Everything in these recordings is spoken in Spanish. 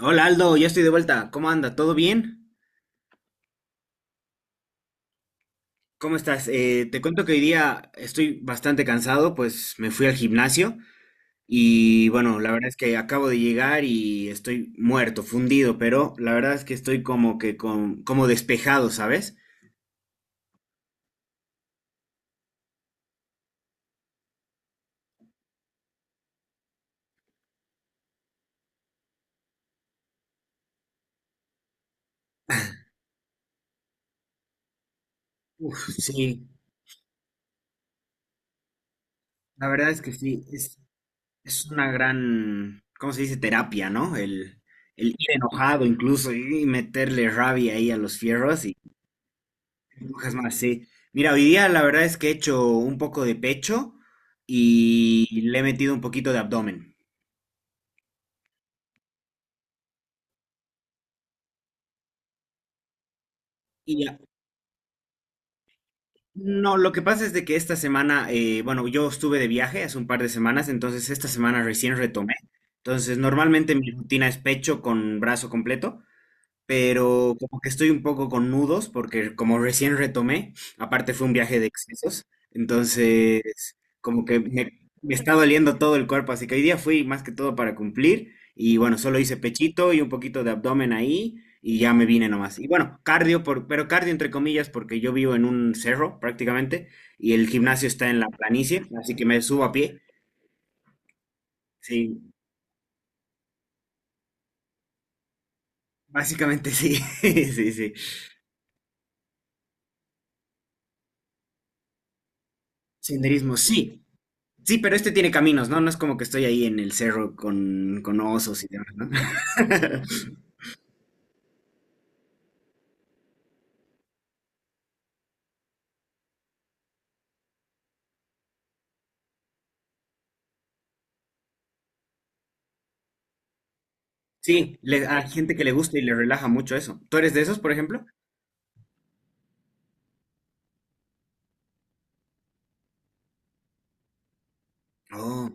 Hola Aldo, ya estoy de vuelta. ¿Cómo anda? ¿Todo bien? ¿Cómo estás? Te cuento que hoy día estoy bastante cansado, pues me fui al gimnasio y bueno, la verdad es que acabo de llegar y estoy muerto, fundido, pero la verdad es que estoy como que con, como despejado, ¿sabes? Uf, sí, la verdad es que sí, es una gran, ¿cómo se dice? Terapia, ¿no? El ir enojado incluso y meterle rabia ahí a los fierros. Empujas más, sí. Mira, hoy día la verdad es que he hecho un poco de pecho y le he metido un poquito de abdomen. Y ya. No, lo que pasa es de que esta semana, bueno, yo estuve de viaje hace un par de semanas, entonces esta semana recién retomé. Entonces, normalmente mi rutina es pecho con brazo completo, pero como que estoy un poco con nudos porque como recién retomé, aparte fue un viaje de excesos, entonces como que me está doliendo todo el cuerpo, así que hoy día fui más que todo para cumplir y bueno, solo hice pechito y un poquito de abdomen ahí y ya me vine nomás. Y bueno, cardio, por, pero cardio entre comillas porque yo vivo en un cerro prácticamente y el gimnasio está en la planicie, así que me subo a pie, sí, básicamente sí, sí, sí. Senderismo, sí. Sí, pero este tiene caminos, ¿no? No es como que estoy ahí en el cerro con osos y demás, ¿no? Sí, hay gente que le gusta y le relaja mucho eso. ¿Tú eres de esos, por ejemplo? Oh,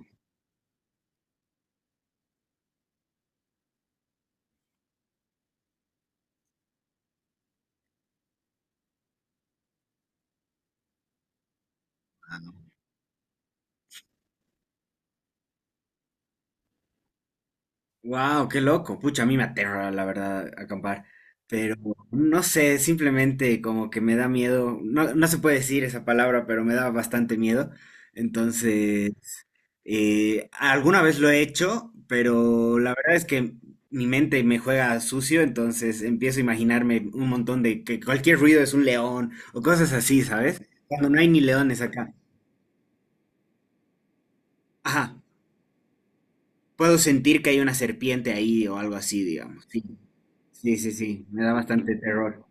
wow, qué loco. Pucha, a mí me aterra, la verdad, acampar. Pero no sé, simplemente como que me da miedo. No, no se puede decir esa palabra, pero me da bastante miedo. Entonces, alguna vez lo he hecho, pero la verdad es que mi mente me juega sucio, entonces empiezo a imaginarme un montón de que cualquier ruido es un león o cosas así, ¿sabes? Cuando no hay ni leones acá. Ajá, puedo sentir que hay una serpiente ahí o algo así, digamos. Sí, sí, sí, sí, me da bastante terror.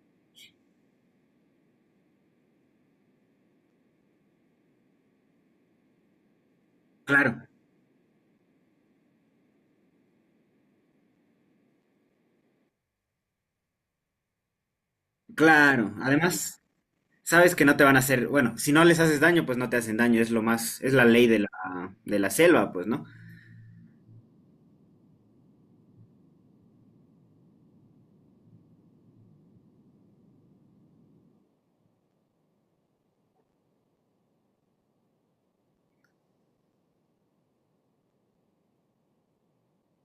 Claro, claro. Además, sabes que no te van a hacer, bueno, si no les haces daño, pues no te hacen daño, es lo más, es la ley de la selva, pues, ¿no?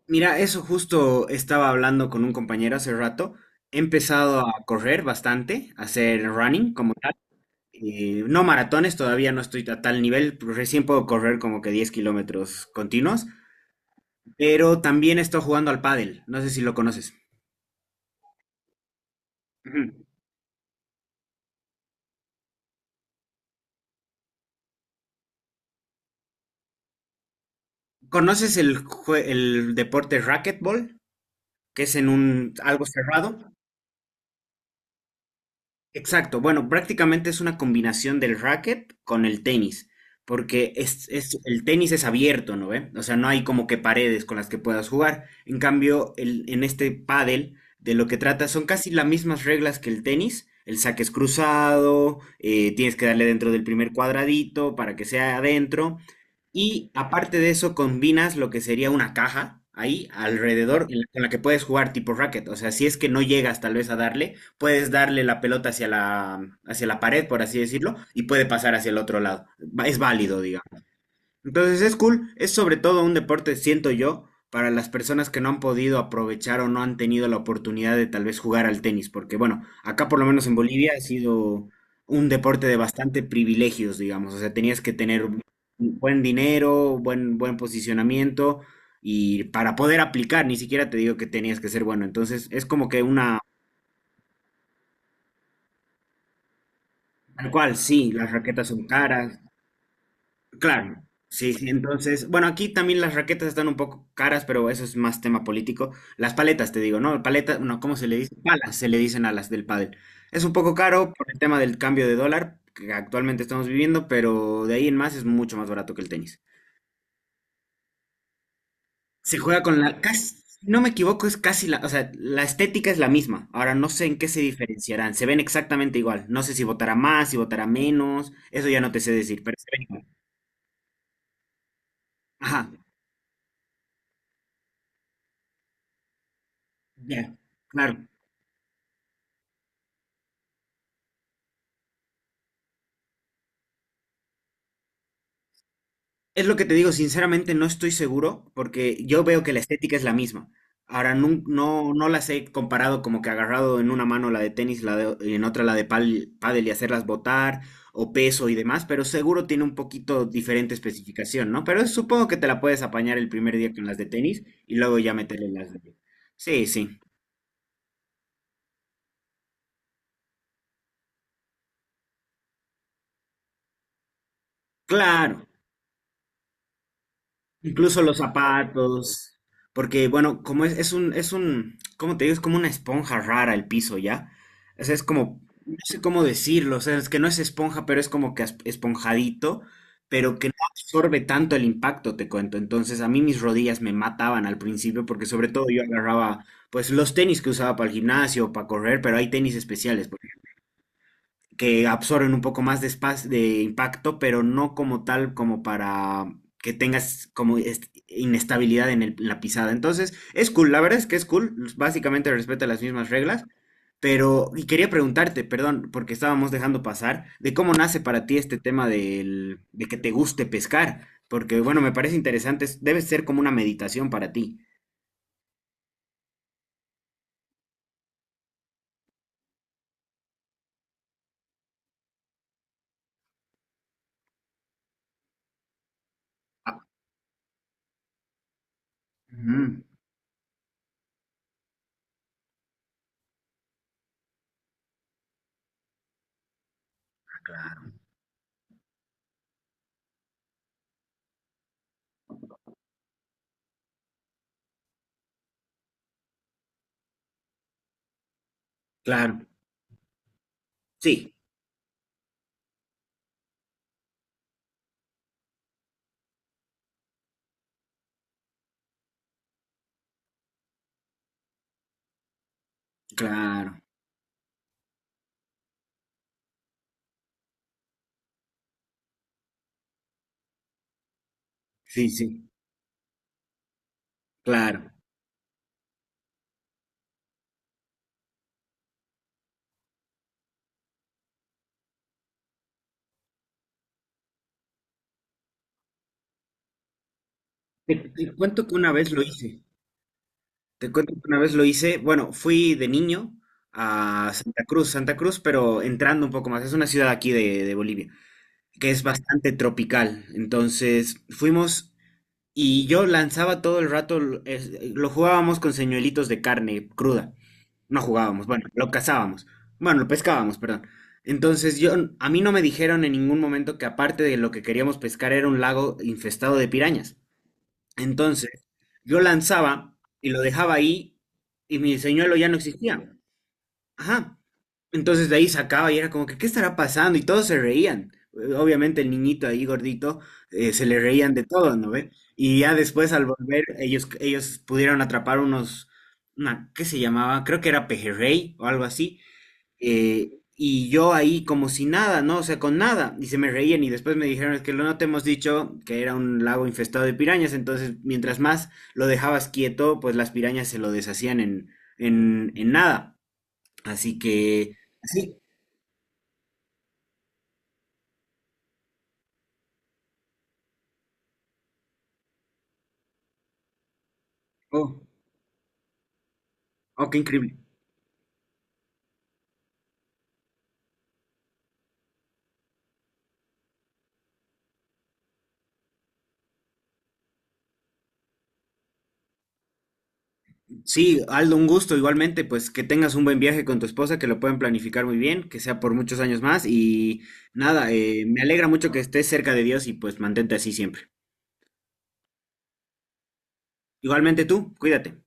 Mira, eso justo estaba hablando con un compañero hace rato. He empezado a correr bastante, a hacer running como tal. No maratones, todavía no estoy a tal nivel. Pero recién puedo correr como que 10 km continuos. Pero también estoy jugando al pádel. No sé si lo conoces. Ujú. ¿Conoces el, el deporte racquetball? Que es en un algo cerrado. Exacto, bueno, prácticamente es una combinación del racket con el tenis, porque es, el tenis es abierto, ¿no ve? O sea, no hay como que paredes con las que puedas jugar. En cambio, en este pádel, de lo que trata son casi las mismas reglas que el tenis. El saque es cruzado, tienes que darle dentro del primer cuadradito para que sea adentro, y aparte de eso, combinas lo que sería una caja ahí alrededor en con la que puedes jugar tipo racket. O sea, si es que no llegas tal vez a darle, puedes darle la pelota hacia la pared, por así decirlo, y puede pasar hacia el otro lado. Es válido, digamos. Entonces es cool, es sobre todo un deporte, siento yo, para las personas que no han podido aprovechar o no han tenido la oportunidad de tal vez jugar al tenis, porque bueno, acá por lo menos en Bolivia ha sido un deporte de bastante privilegios, digamos, o sea, tenías que tener un buen dinero, buen, buen posicionamiento y para poder aplicar, ni siquiera te digo que tenías que ser bueno, entonces es como que una, tal cual, sí, las raquetas son caras. Claro, sí, sí, entonces, bueno, aquí también las raquetas están un poco caras, pero eso es más tema político. Las paletas, te digo, ¿no? Paletas, no, ¿cómo se le dice? Palas, se le dicen a las del pádel. Es un poco caro por el tema del cambio de dólar que actualmente estamos viviendo, pero de ahí en más es mucho más barato que el tenis. Se juega con la, casi, si no me equivoco, es casi la, o sea, la estética es la misma. Ahora no sé en qué se diferenciarán, se ven exactamente igual. No sé si votará más, si votará menos, eso ya no te sé decir, pero se ven igual. Ajá, ya, claro. Es lo que te digo, sinceramente no estoy seguro porque yo veo que la estética es la misma. Ahora no, no, las he comparado como que agarrado en una mano la de tenis y en otra la de pádel y hacerlas botar o peso y demás, pero seguro tiene un poquito diferente especificación, ¿no? Pero supongo que te la puedes apañar el primer día con las de tenis y luego ya meterle las de... Sí, sí, claro. Incluso los zapatos, porque bueno, como es un, ¿cómo te digo? Es como una esponja rara el piso, ¿ya? O sea, es como, no sé cómo decirlo, o sea, es que no es esponja, pero es como que esponjadito, pero que no absorbe tanto el impacto, te cuento. Entonces, a mí mis rodillas me mataban al principio, porque sobre todo yo agarraba, pues, los tenis que usaba para el gimnasio, para correr, pero hay tenis especiales que absorben un poco más de, espacio, de impacto, pero no como tal, como para que tengas como inestabilidad en, en la pisada. Entonces, es cool, la verdad es que es cool, básicamente respeta las mismas reglas, pero, y quería preguntarte, perdón, porque estábamos dejando pasar, de cómo nace para ti este tema del, de que te guste pescar, porque bueno, me parece interesante, debe ser como una meditación para ti. Ah, ujú, claro, sí, claro, sí, sí, claro. Te cuento que una vez lo hice. Te cuento que una vez lo hice. Bueno, fui de niño a Santa Cruz, Santa Cruz, pero entrando un poco más. Es una ciudad aquí de Bolivia, que es bastante tropical. Entonces fuimos y yo lanzaba todo el rato, lo jugábamos con señuelitos de carne cruda. No jugábamos, bueno, lo cazábamos. Bueno, lo pescábamos, perdón. Entonces yo, a mí no me dijeron en ningún momento que aparte de lo que queríamos pescar era un lago infestado de pirañas. Entonces, yo lanzaba y lo dejaba ahí y mi señuelo ya no existía. Ajá. Entonces de ahí sacaba y era como que, ¿qué estará pasando? Y todos se reían. Obviamente el niñito ahí gordito, se le reían de todo, ¿no ve? Y ya después al volver, ellos pudieron atrapar unos, una, ¿qué se llamaba? Creo que era pejerrey o algo así. Y yo ahí como si nada, ¿no? O sea, con nada. Y se me reían y después me dijeron, es que lo no te hemos dicho que era un lago infestado de pirañas, entonces mientras más lo dejabas quieto, pues las pirañas se lo deshacían en nada. Así que, sí, oh, oh, qué increíble. Sí, Aldo, un gusto igualmente, pues que tengas un buen viaje con tu esposa, que lo puedan planificar muy bien, que sea por muchos años más y nada, me alegra mucho que estés cerca de Dios y pues mantente así siempre. Igualmente tú, cuídate.